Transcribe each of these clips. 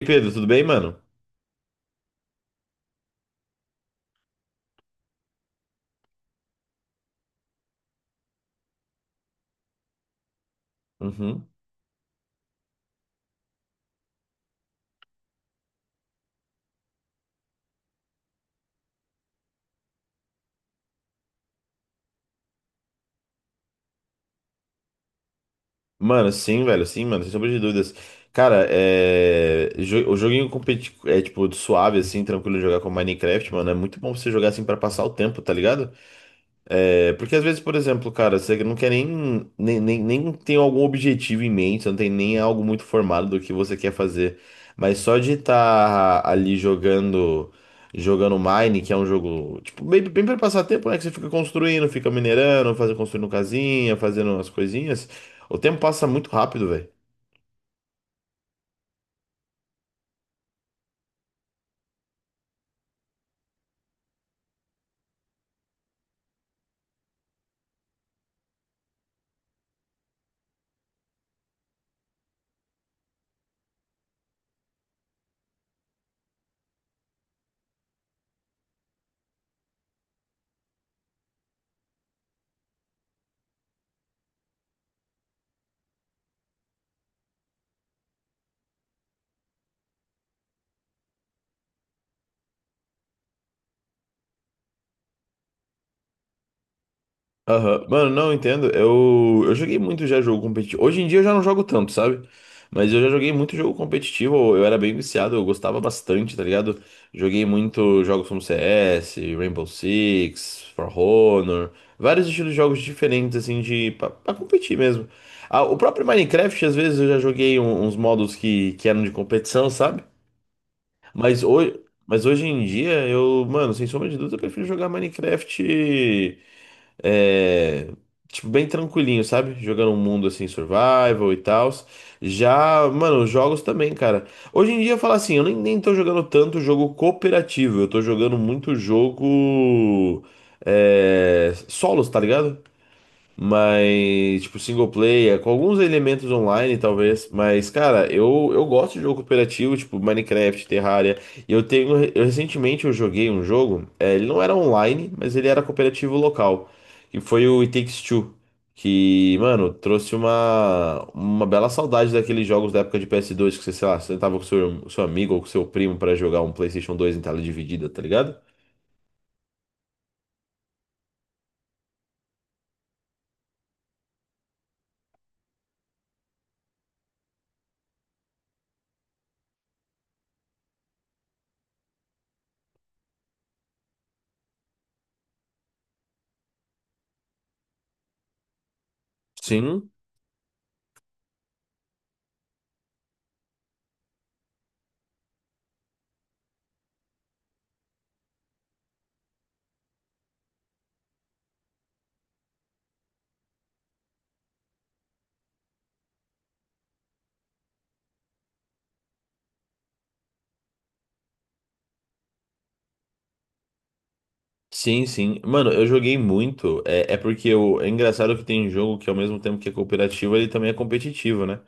Pedro, tudo bem, mano? Uhum. Mano, sim, velho, sim, mano, sem sombra de dúvidas. Cara, o joguinho tipo, suave, assim, tranquilo de jogar com Minecraft, mano, é muito bom pra você jogar, assim, pra passar o tempo, tá ligado? Porque às vezes, por exemplo, cara, você não quer nem tem algum objetivo em mente, você não tem nem algo muito formado do que você quer fazer. Mas só de estar ali jogando Mine, que é um jogo, tipo, bem, bem para passar tempo, né? Que você fica construindo, fica minerando, fazendo, construindo casinha, fazendo as coisinhas. O tempo passa muito rápido, velho. Aham. Mano, não entendo. Eu joguei muito já jogo competitivo. Hoje em dia eu já não jogo tanto, sabe? Mas eu já joguei muito jogo competitivo. Eu era bem viciado, eu gostava bastante, tá ligado? Joguei muito jogos como CS, Rainbow Six, For Honor, vários estilos de jogos diferentes, assim, pra competir mesmo. Ah, o próprio Minecraft, às vezes, eu já joguei uns modos que eram de competição, sabe? Mas hoje, mas hoje em dia, eu, mano, sem sombra de dúvida, eu prefiro jogar Minecraft. É, tipo, bem tranquilinho, sabe? Jogando um mundo assim, survival e tal. Já, mano, os jogos também, cara. Hoje em dia, eu falo assim, eu nem tô jogando tanto jogo cooperativo. Eu tô jogando muito jogo, solos, tá ligado? Mas, tipo, single player, com alguns elementos online, talvez. Mas, cara, eu gosto de jogo cooperativo, tipo Minecraft, Terraria. E eu tenho. Recentemente eu joguei um jogo, ele não era online, mas ele era cooperativo local. Que foi o It Takes Two. Que, mano, trouxe uma bela saudade daqueles jogos da época de PS2, que você, sei lá, sentava com seu amigo ou com seu primo pra jogar um PlayStation 2 em tela dividida, tá ligado? Sim. Sim, sim. Mano, eu joguei muito. É porque é engraçado que tem jogo que ao mesmo tempo que é cooperativo, ele também é competitivo, né?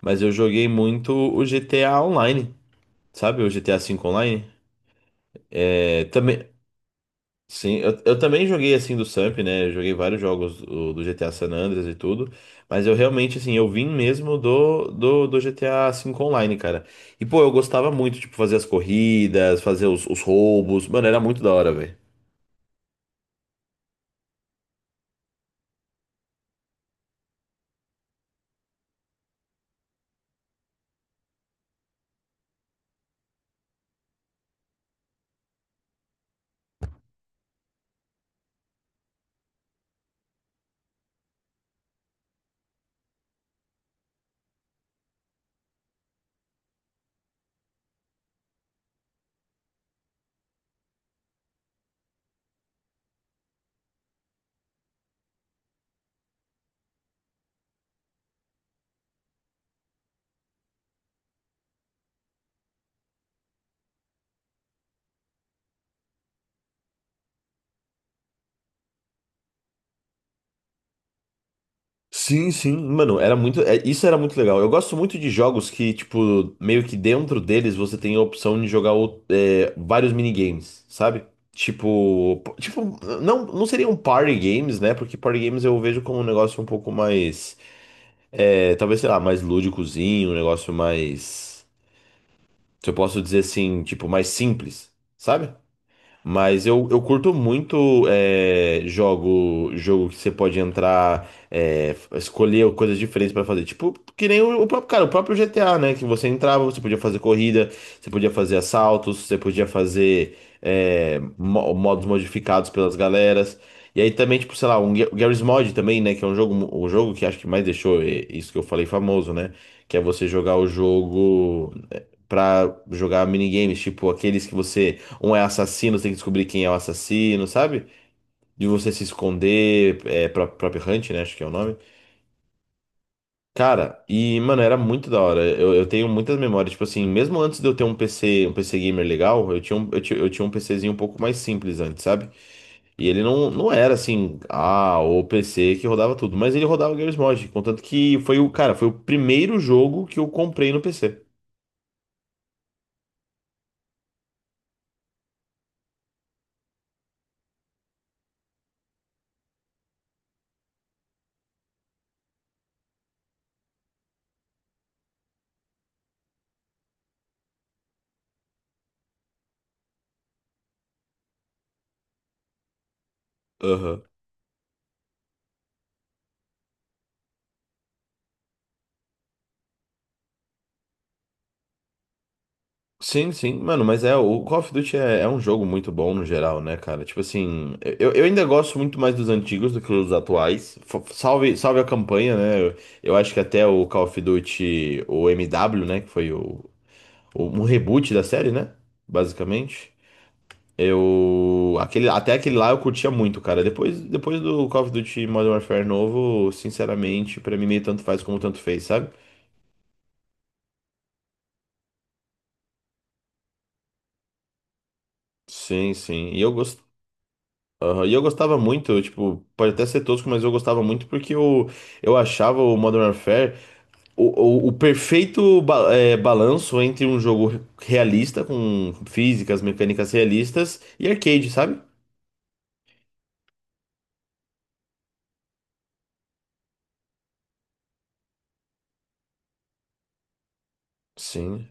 Mas eu joguei muito o GTA Online, sabe? O GTA V Online. É, também, sim, eu também joguei assim do Samp, né? Eu joguei vários jogos do GTA San Andreas e tudo. Mas eu realmente, assim, eu vim mesmo do GTA V Online, cara. E, pô, eu gostava muito, tipo, fazer as corridas, fazer os roubos. Mano, era muito da hora, velho. Sim, sim, mano, era muito, isso era muito legal. Eu gosto muito de jogos que, tipo, meio que dentro deles você tem a opção de jogar vários minigames, sabe? Tipo, não seriam party games, né? Porque party games eu vejo como um negócio um pouco mais, talvez, sei lá, mais lúdicozinho, um negócio mais, se eu posso dizer assim, tipo, mais simples, sabe? Mas eu curto muito jogo que você pode entrar, escolher coisas diferentes pra fazer. Tipo, que nem o próprio, cara, o próprio GTA, né? Que você entrava, você podia fazer corrida, você podia fazer assaltos, você podia fazer modos modificados pelas galeras. E aí também, tipo, sei lá, um Garry's Mod também, né? Que é um jogo que acho que mais deixou isso que eu falei famoso, né? Que é você jogar o jogo pra jogar minigames, tipo aqueles que você, um é assassino, você tem que descobrir quem é o assassino, sabe? De você se esconder, próprio Hunt, né? Acho que é o nome. Cara, e, mano, era muito da hora. Eu tenho muitas memórias, tipo assim, mesmo antes de eu ter um PC, um PC gamer legal, eu tinha um PCzinho um pouco mais simples antes, sabe? E ele não era assim, ah, o PC que rodava tudo, mas ele rodava Garry's Mod, contanto que foi o, cara, foi o primeiro jogo que eu comprei no PC. Aham. Sim, sim, mano, mas o Call of Duty é um jogo muito bom no geral, né, cara? Tipo assim, eu ainda gosto muito mais dos antigos do que dos atuais. Salve, salve a campanha, né? Eu acho que até o Call of Duty, o MW, né, que foi um reboot da série, né? Basicamente. Até aquele lá eu curtia muito, cara. Depois do Call of Duty Modern Warfare novo, sinceramente, pra mim meio tanto faz como tanto fez, sabe? Sim, sim. Aham. E eu gostava muito, tipo, pode até ser tosco, mas eu gostava muito porque eu achava o Modern Warfare o perfeito balanço entre um jogo realista, com físicas, mecânicas realistas, e arcade, sabe? Sim,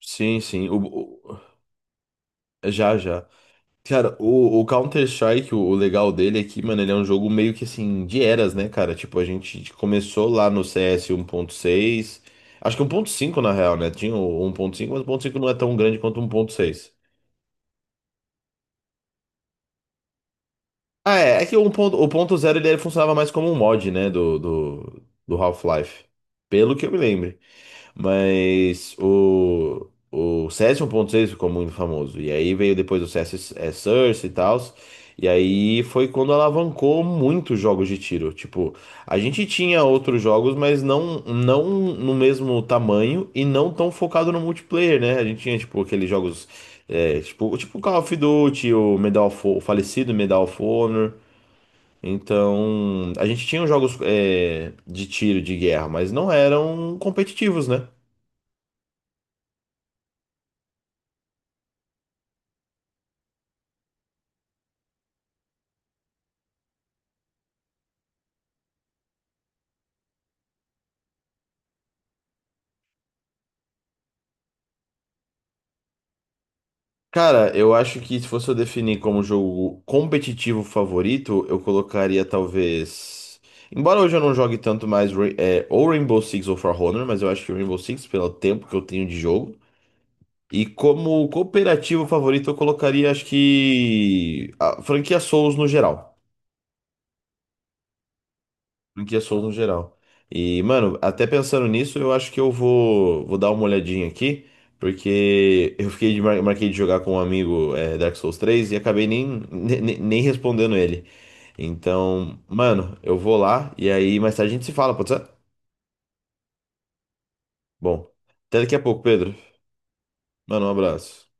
sim, sim. Já, já. Cara, o Counter-Strike, o legal dele é que, mano, ele é um jogo meio que assim, de eras, né, cara? Tipo, a gente começou lá no CS 6 acho que 1.5 na real, né? Tinha o 1.5, mas o 1.5 não é tão grande quanto o 1.6. Ah, é que o um ponto o ponto zero ele funcionava mais como um mod, né, do Half-Life, pelo que eu me lembro. Mas o CS 1.6 ficou muito famoso. E aí veio depois o CS Source e tal. E aí foi quando alavancou muitos jogos de tiro. Tipo, a gente tinha outros jogos, mas não no mesmo tamanho e não tão focado no multiplayer, né? A gente tinha, tipo, aqueles jogos. Tipo, o Call of Duty, o falecido Medal of Honor. Então, a gente tinha jogos de tiro, de guerra, mas não eram competitivos, né? Cara, eu acho que se fosse eu definir como jogo competitivo favorito, eu colocaria talvez. Embora hoje eu não jogue tanto mais ou Rainbow Six ou For Honor, mas eu acho que o Rainbow Six, pelo tempo que eu tenho de jogo. E como cooperativo favorito, eu colocaria, acho que. A franquia Souls no geral. Do que Souls no geral. E, mano, até pensando nisso, eu acho que eu vou dar uma olhadinha aqui, porque eu fiquei de, marquei de jogar com um amigo Dark Souls 3 e acabei nem respondendo ele. Então, mano, eu vou lá e aí mais tarde a gente se fala, pode ser? Bom, até daqui a pouco, Pedro. Mano, um abraço.